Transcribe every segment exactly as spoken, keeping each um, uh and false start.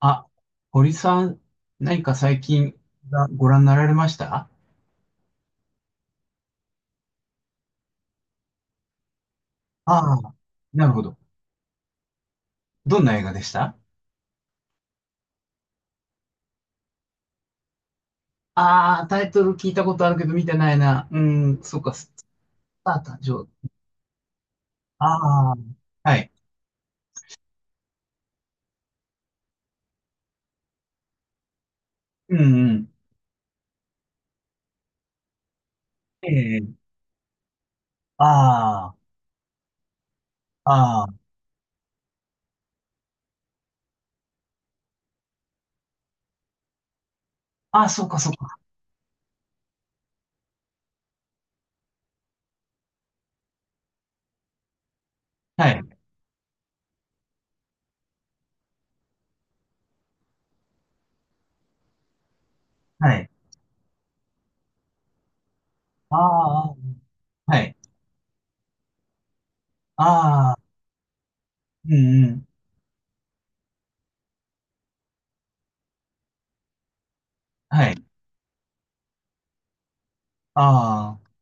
あ、堀さん、何か最近ご覧になられました？ああ、なるほど。どんな映画でした？ああ、タイトル聞いたことあるけど見てないな。うん、そっか、スター誕生。ああ、はい。うんうん。ええ、ああ、ああ、ああ、そっかそっか。はい、はい。ああ、はい。ああ、うんうん。はい。ああ、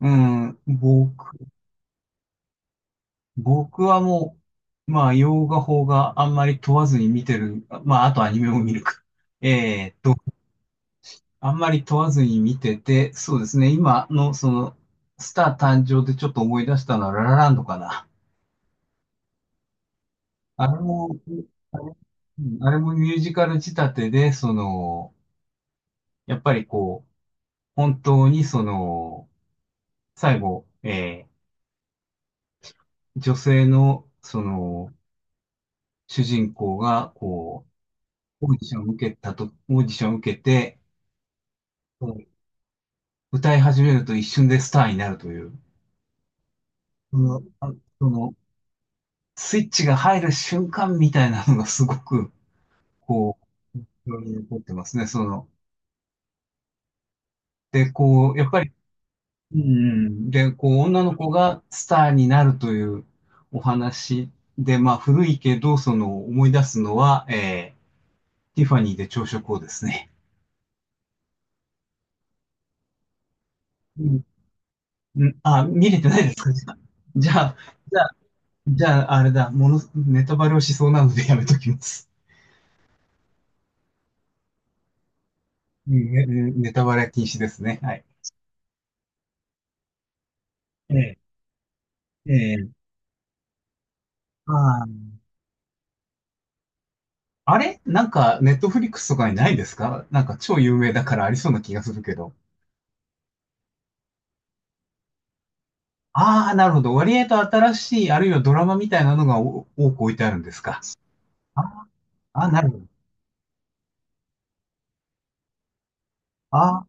うん、僕僕はもう、まあ、洋画邦画あんまり問わずに見てる。まあ、あとアニメも見るか。えーっと、あんまり問わずに見てて、そうですね。今のその、スター誕生でちょっと思い出したのはララランドかな。あれも、あれうんあれもミュージカル仕立てで、その、やっぱりこう、本当にその、最後、えー女性の、その、主人公が、こう、オーディションを受けたと、オーディションを受けて、歌い始めると一瞬でスターになるという、その、あその、スイッチが入る瞬間みたいなのがすごく、こう、に残ってますね、その。で、こう、やっぱり、うんうん、で、こう、女の子がスターになるというお話で、まあ、古いけど、その、思い出すのは、えー、ティファニーで朝食をですね。うんあ、見れてないですか？じゃあ、じゃあ、じゃあ、あれだ、もの、ネタバレをしそうなのでやめときます。ねねネタバレ禁止ですね。はい。ええ、ええ、あーあれなんか、ネットフリックスとかにないですか？なんか超有名だからありそうな気がするけど。ああ、なるほど。割合と新しい、あるいはドラマみたいなのがお多く置いてあるんですか？ああ、なるほど。ああ、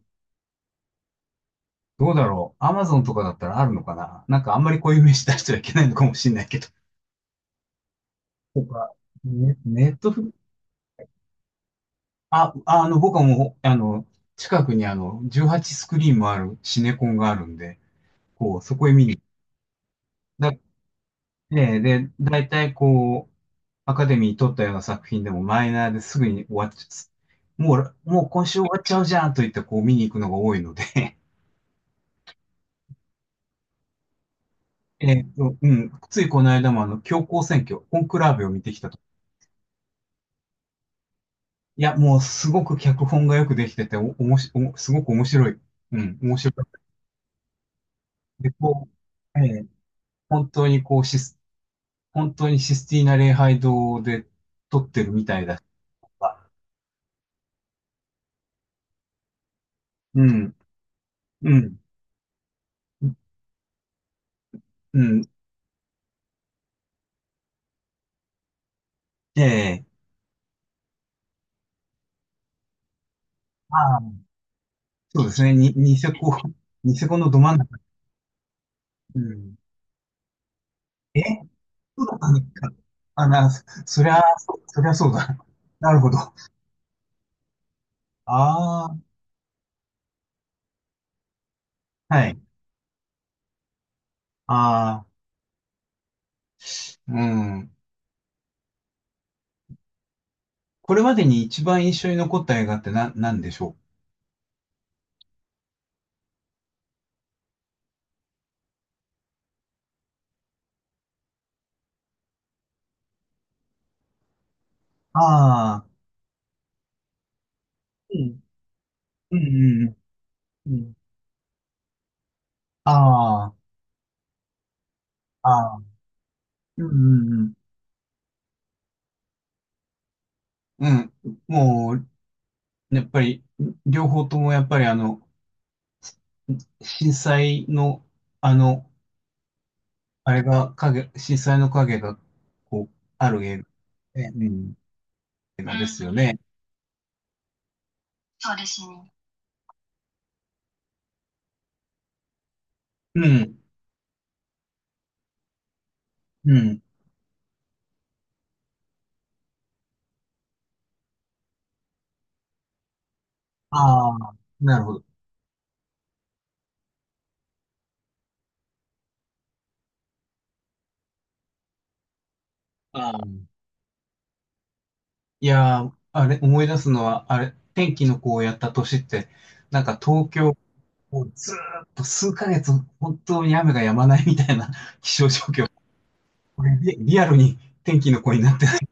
どうだろう。アマゾンとかだったらあるのかな、なんかあんまりこういう名刺出してはいけないのかもしれないけど。とか、ねネットフリ、あ、あの、僕はもう、あの、近くにあの、じゅうはちスクリーンスクリーンもあるシネコンがあるんで、こう、そこへ見にだ、で、で、大体こう、アカデミー取ったような作品でもマイナーですぐに終わっちゃう。もう、もう今週終わっちゃうじゃんと言ってこう見に行くのが多いので。 えっと、うん、ついこの間もあの、教皇選挙、コンクラーベを見てきたと。いや、もうすごく脚本がよくできてて、お、おもし、おすごく面白い。うん、面白かった。で、こう、えー本当にこうシス、本当にシスティーナ礼拝堂で撮ってるみたいだとか、うん、うん、うん、ええ、そうですね。に、ニセコ、ニセコのど真ん中。うん。え何か？あ、な、そそりゃ、そ、そりゃそうだ。なるほど。ああ、はい。ああ、うん。これまでに一番印象に残った映画ってな、何でしょう？ああ、うん。うんうんうん。うん。ああ、ああ、うんうんうん。うん。もう、やっぱり、両方ともやっぱりあの、震災の、あの、あれが影、震災の影が、こう、ある映画、ね、うん、映画ですよね。うん。うん。ああ、なるほど。あーいやー、あれ、思い出すのは、あれ、天気の子をやった年って、なんか東京、もうずーっと数ヶ月、本当に雨が止まないみたいな 気象状況。これリ、リアルに天気の子になって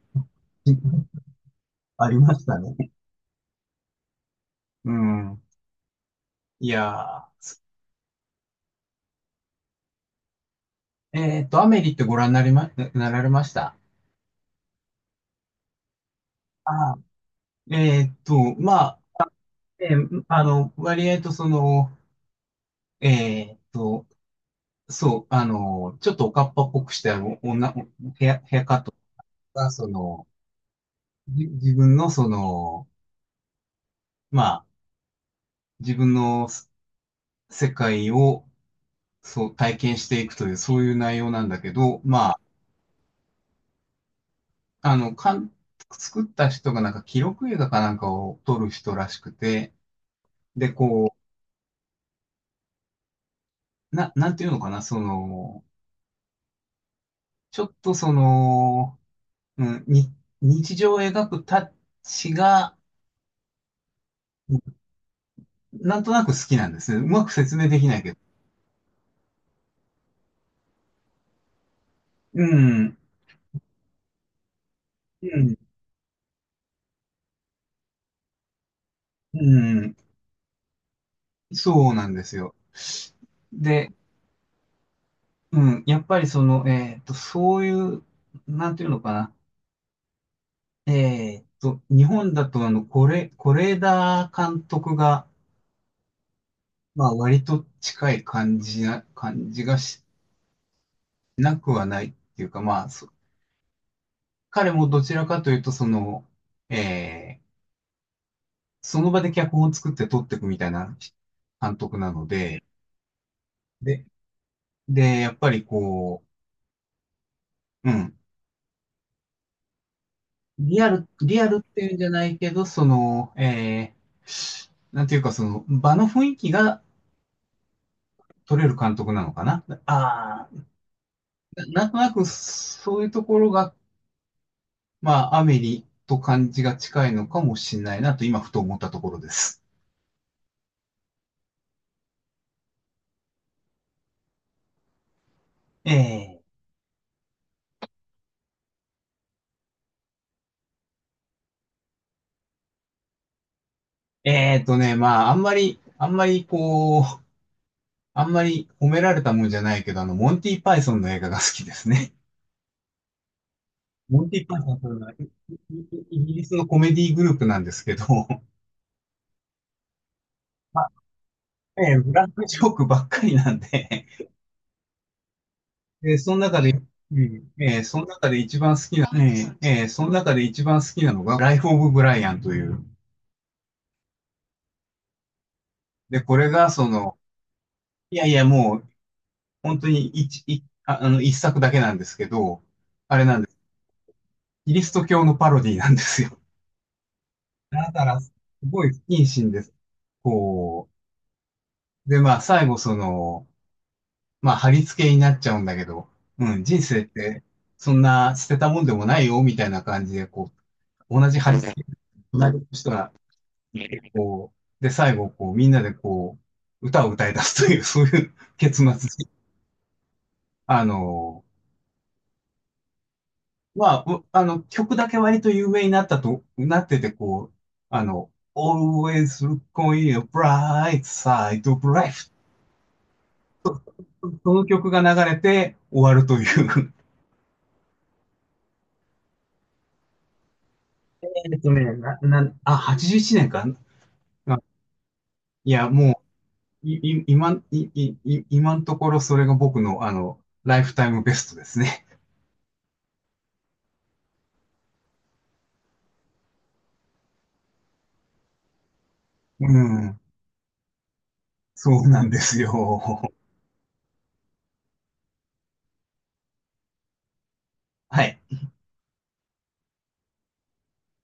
ありましたね。うん。いやー、えっと、アメリってご覧になりま、なられました？あえーっと、まあ、えーあの、割合とその、えーっと、そう、あの、ちょっとおかっぱっぽくした女、ヘア、ヘアカットが、その、じ自分のその、まあ、自分のす世界を、そう、体験していくという、そういう内容なんだけど、まあ、あの、かん、作った人がなんか記録映画かなんかを撮る人らしくて、で、こう、な、なんていうのかな、その、ちょっとその、うん、に、日常を描くタッチが、うんなんとなく好きなんですね。うまく説明できないけど。うん、うん、うん、そうなんですよ。で、うん、やっぱりその、えっと、そういう、なんていうのかな。えっと、日本だとあの、これ、是枝監督が、まあ、割と近い感じな、感じがしなくはないっていうか、まあ、そ彼もどちらかというと、その、えーその場で脚本を作って撮っていくみたいな監督なので、で、で、やっぱりこう、うん、リアル、リアルっていうんじゃないけど、その、えー、なんていうかその場の雰囲気が取れる監督なのかな。ああ、ななんとなくそういうところが、まあ、アメリと感じが近いのかもしれないなと今ふと思ったところです。えええーとね、まあ、あんまり、あんまりこう、あんまり褒められたもんじゃないけど、あの、モンティ・パイソンの映画が好きですね。モンティ・パイソンというのは、いいイギリスのコメディグループなんですけど、まあ、えーブラックジョークばっかりなんで、でその中で、うんえーその中で一番好きな、えーえーその中で一番好きなのが、ライフ・オブ・ブライアンという。で、これが、その、いやいや、もう、本当に一、一ああの、一作だけなんですけど、あれなんです。キリスト教のパロディなんですよ。だから、すごい不謹慎です。こう、で、まあ、最後、その、まあ、貼り付けになっちゃうんだけど、うん、人生って、そんな捨てたもんでもないよ、みたいな感じで、こう、同じ貼り付け、なる人が、こう、で、最後、こう、みんなで、こう、歌を歌い出すという、そういう結末に。あの、まあ、うあの、曲だけ割と有名になったと、なってて、こう、あの、Always look on your bright side of life、 その曲が流れて終わるという。えっとね、な、な、あ、はちじゅういちねんか。あ、いや、もう、い、い、今、い、い、い今のところそれが僕の、あの、ライフタイムベストですね。うん。そうなんですよ。はい。